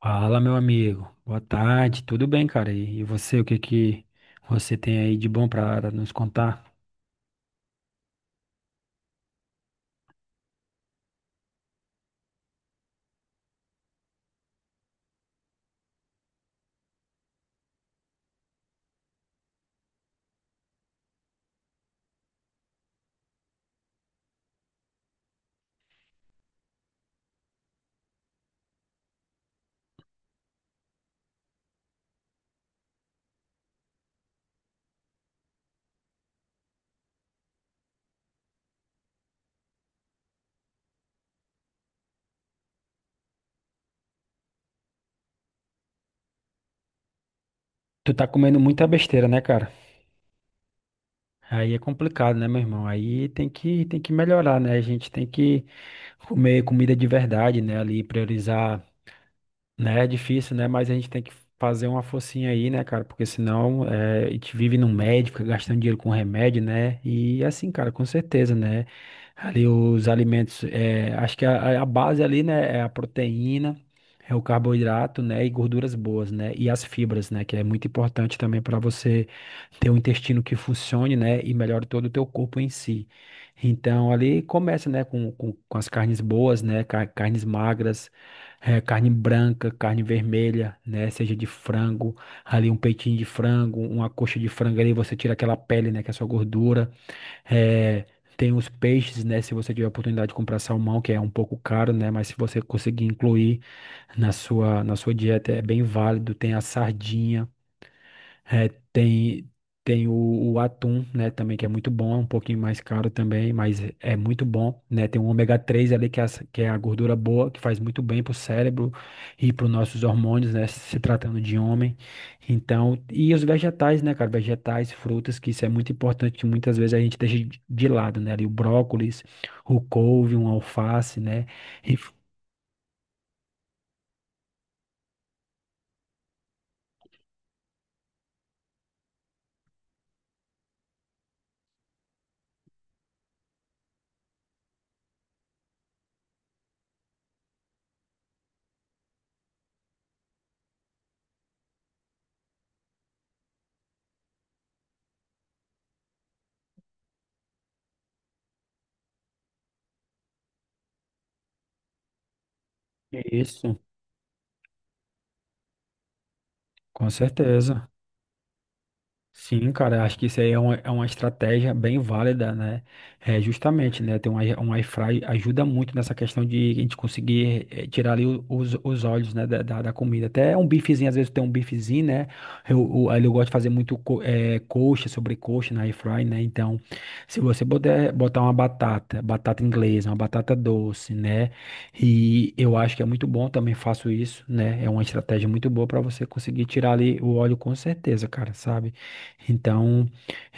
Fala, meu amigo. Boa tarde. Tudo bem, cara? E você, o que que você tem aí de bom pra nos contar? Tu tá comendo muita besteira, né, cara? Aí é complicado, né, meu irmão? Aí tem que melhorar, né? A gente tem que comer comida de verdade, né? Ali priorizar Né, É difícil, né? Mas a gente tem que fazer uma forcinha aí, né, cara? Porque senão a gente vive no médico, fica gastando dinheiro com remédio, né? E assim, cara, com certeza, né? Ali os alimentos, acho que a base ali, né, é a proteína, é o carboidrato, né? E gorduras boas, né? E as fibras, né? Que é muito importante também para você ter um intestino que funcione, né? E melhore todo o teu corpo em si. Então, ali começa, né, com as carnes boas, né? Carnes magras é, carne branca, carne vermelha, né? Seja de frango, ali um peitinho de frango, uma coxa de frango ali, você tira aquela pele, né? Que é só gordura. É, tem os peixes, né? Se você tiver a oportunidade de comprar salmão, que é um pouco caro, né? Mas se você conseguir incluir na sua dieta, é bem válido. Tem a sardinha. É, tem o atum, né, também que é muito bom, é um pouquinho mais caro também, mas é muito bom, né? Tem o ômega 3 ali que é, que é a gordura boa, que faz muito bem pro cérebro e para os nossos hormônios, né, se tratando de homem. Então, e os vegetais, né, cara, vegetais, frutas, que isso é muito importante, que muitas vezes a gente deixa de lado, né? Ali o brócolis, o couve, um alface, né? E f- isso, com certeza. Sim, cara, acho que isso aí é uma estratégia bem válida, né? É, justamente, né? Ter um, um air fry ajuda muito nessa questão de a gente conseguir tirar ali os óleos, né, da comida. Até um bifezinho, às vezes tem um bifezinho, né? Ali eu gosto de fazer muito coxa, sobrecoxa na air fry, né? Então, se você puder botar uma batata, batata inglesa, uma batata doce, né? E eu acho que é muito bom, também faço isso, né? É uma estratégia muito boa para você conseguir tirar ali o óleo com certeza, cara, sabe? Então,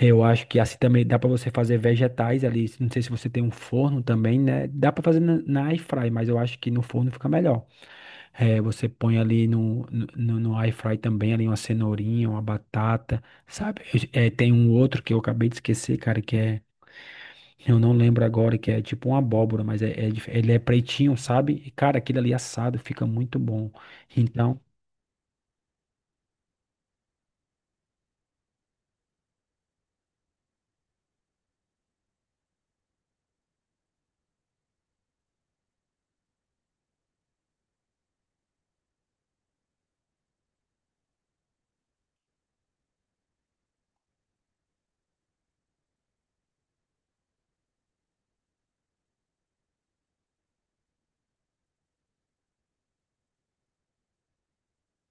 eu acho que assim também dá para você fazer vegetais ali. Não sei se você tem um forno também, né? Dá para fazer na air fry, mas eu acho que no forno fica melhor. É, você põe ali no air fry também ali uma cenourinha, uma batata, sabe? É, tem um outro que eu acabei de esquecer, cara, que é eu não lembro agora, que é tipo uma abóbora, mas é ele é pretinho, sabe? E cara, aquele ali assado fica muito bom. Então,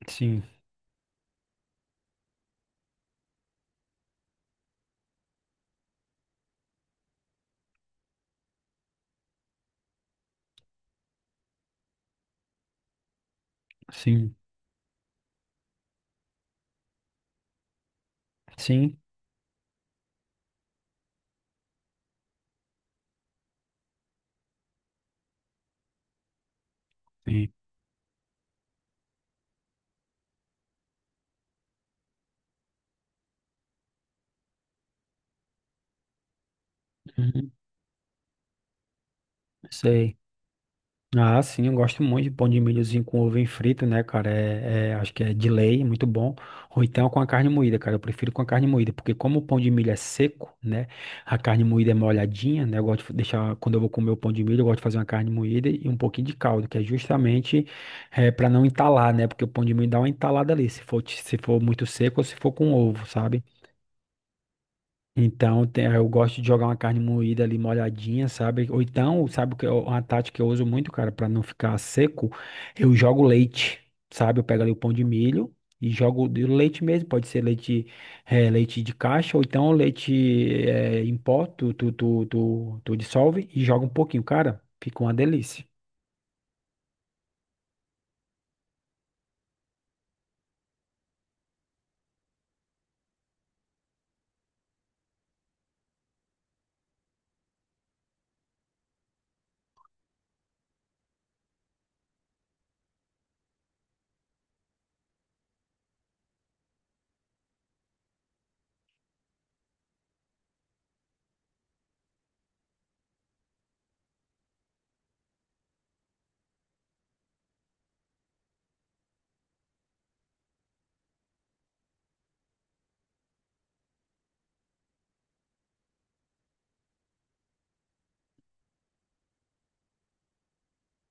sim, sim, sim, sim. Uhum, sei. Ah, sim, eu gosto muito de pão de milhozinho com ovo frito, né, cara? Acho que é de lei, muito bom. Ou então com a carne moída, cara. Eu prefiro com a carne moída, porque como o pão de milho é seco, né? A carne moída é molhadinha, né? Eu gosto de deixar, quando eu vou comer o pão de milho, eu gosto de fazer uma carne moída e um pouquinho de caldo, que é justamente é, para não entalar, né? Porque o pão de milho dá uma entalada ali, se for muito seco ou se for com ovo, sabe? Então, eu gosto de jogar uma carne moída ali molhadinha, sabe? Ou então, uma tática que eu uso muito, cara, pra não ficar seco, eu jogo leite, sabe? Eu pego ali o pão de milho e jogo de leite mesmo, pode ser leite, leite de caixa ou então leite, em pó, tu dissolve e joga um pouquinho, cara, fica uma delícia.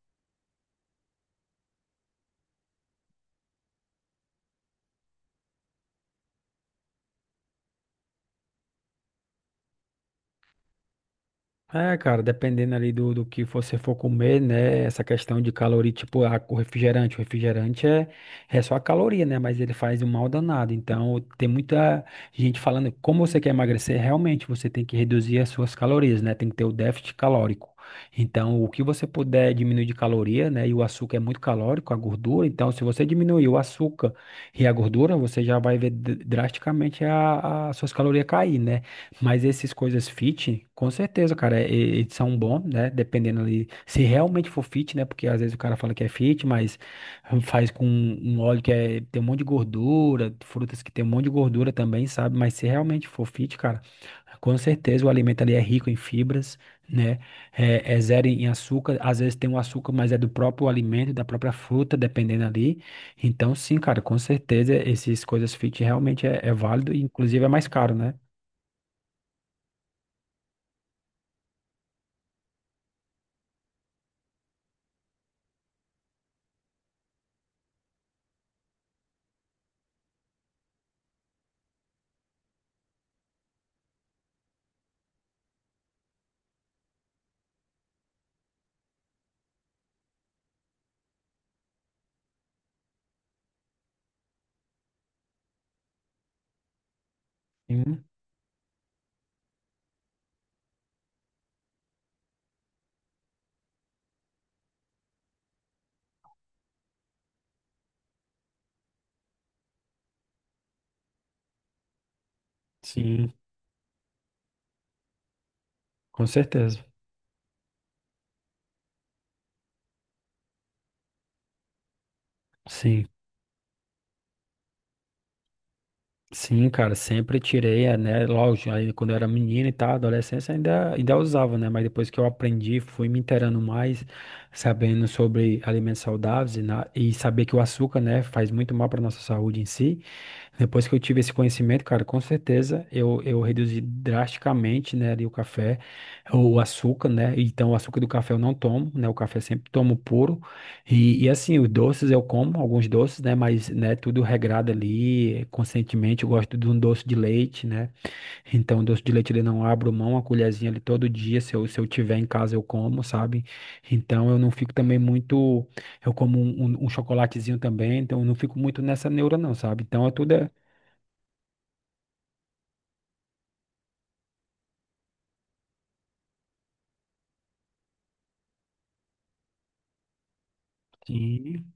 É, cara, dependendo ali do que você for comer, né? Essa questão de caloria, tipo, a, o refrigerante. O refrigerante é só a caloria, né? Mas ele faz um mal danado. Então, tem muita gente falando, como você quer emagrecer, realmente você tem que reduzir as suas calorias, né? Tem que ter o déficit calórico. Então, o que você puder diminuir de caloria, né? E o açúcar é muito calórico, a gordura. Então, se você diminuir o açúcar e a gordura, você já vai ver drasticamente as suas calorias cair, né? Mas esses coisas fit, com certeza, cara, eles são bons, né? Dependendo ali, se realmente for fit, né? Porque às vezes o cara fala que é fit, mas faz com um óleo que é, tem um monte de gordura, frutas que tem um monte de gordura também, sabe? Mas se realmente for fit, cara, com certeza o alimento ali é rico em fibras, né? É, é zero em açúcar, às vezes tem um açúcar, mas é do próprio alimento, da própria fruta, dependendo ali. Então, sim, cara, com certeza, essas coisas fit realmente é válido e inclusive é mais caro, né? Sim. Sim, com certeza. Sim, sim, cara, sempre tirei, é, né? Lógico, aí quando eu era menino e tal, adolescência ainda, ainda usava, né? Mas depois que eu aprendi, fui me inteirando mais, sabendo sobre alimentos saudáveis e e saber que o açúcar, né, faz muito mal para nossa saúde em si. Depois que eu tive esse conhecimento, cara, com certeza eu reduzi drasticamente, né, ali o café, o açúcar, né? Então, o açúcar do café eu não tomo, né? O café eu sempre tomo puro. E assim, os doces eu como, alguns doces, né? Mas, né, tudo regrado ali, conscientemente. Eu gosto de um doce de leite, né? Então, doce de leite ele não abro mão, a colherzinha ali todo dia, se eu tiver em casa eu como, sabe? Então, eu não fico também muito. Eu como um chocolatezinho também, então eu não fico muito nessa neura, não, sabe? Então, é tudo. É Sim,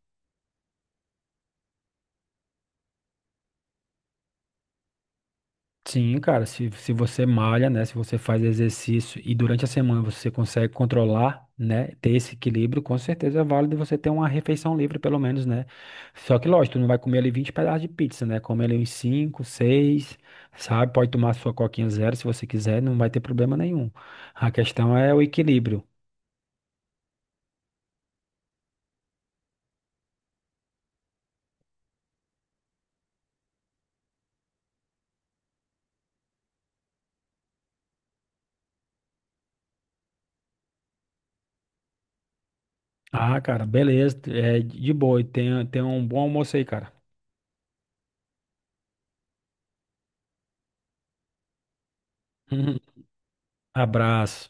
sim, cara, se você malha, né, se você faz exercício e durante a semana você consegue controlar, né, ter esse equilíbrio, com certeza é válido você ter uma refeição livre pelo menos, né, só que lógico, tu não vai comer ali 20 pedaços de pizza, né, comer ali uns 5 6 sabe, pode tomar sua coquinha zero se você quiser, não vai ter problema nenhum, a questão é o equilíbrio. Ah, cara, beleza, é de boa, e tenha um bom almoço aí, cara. Abraço.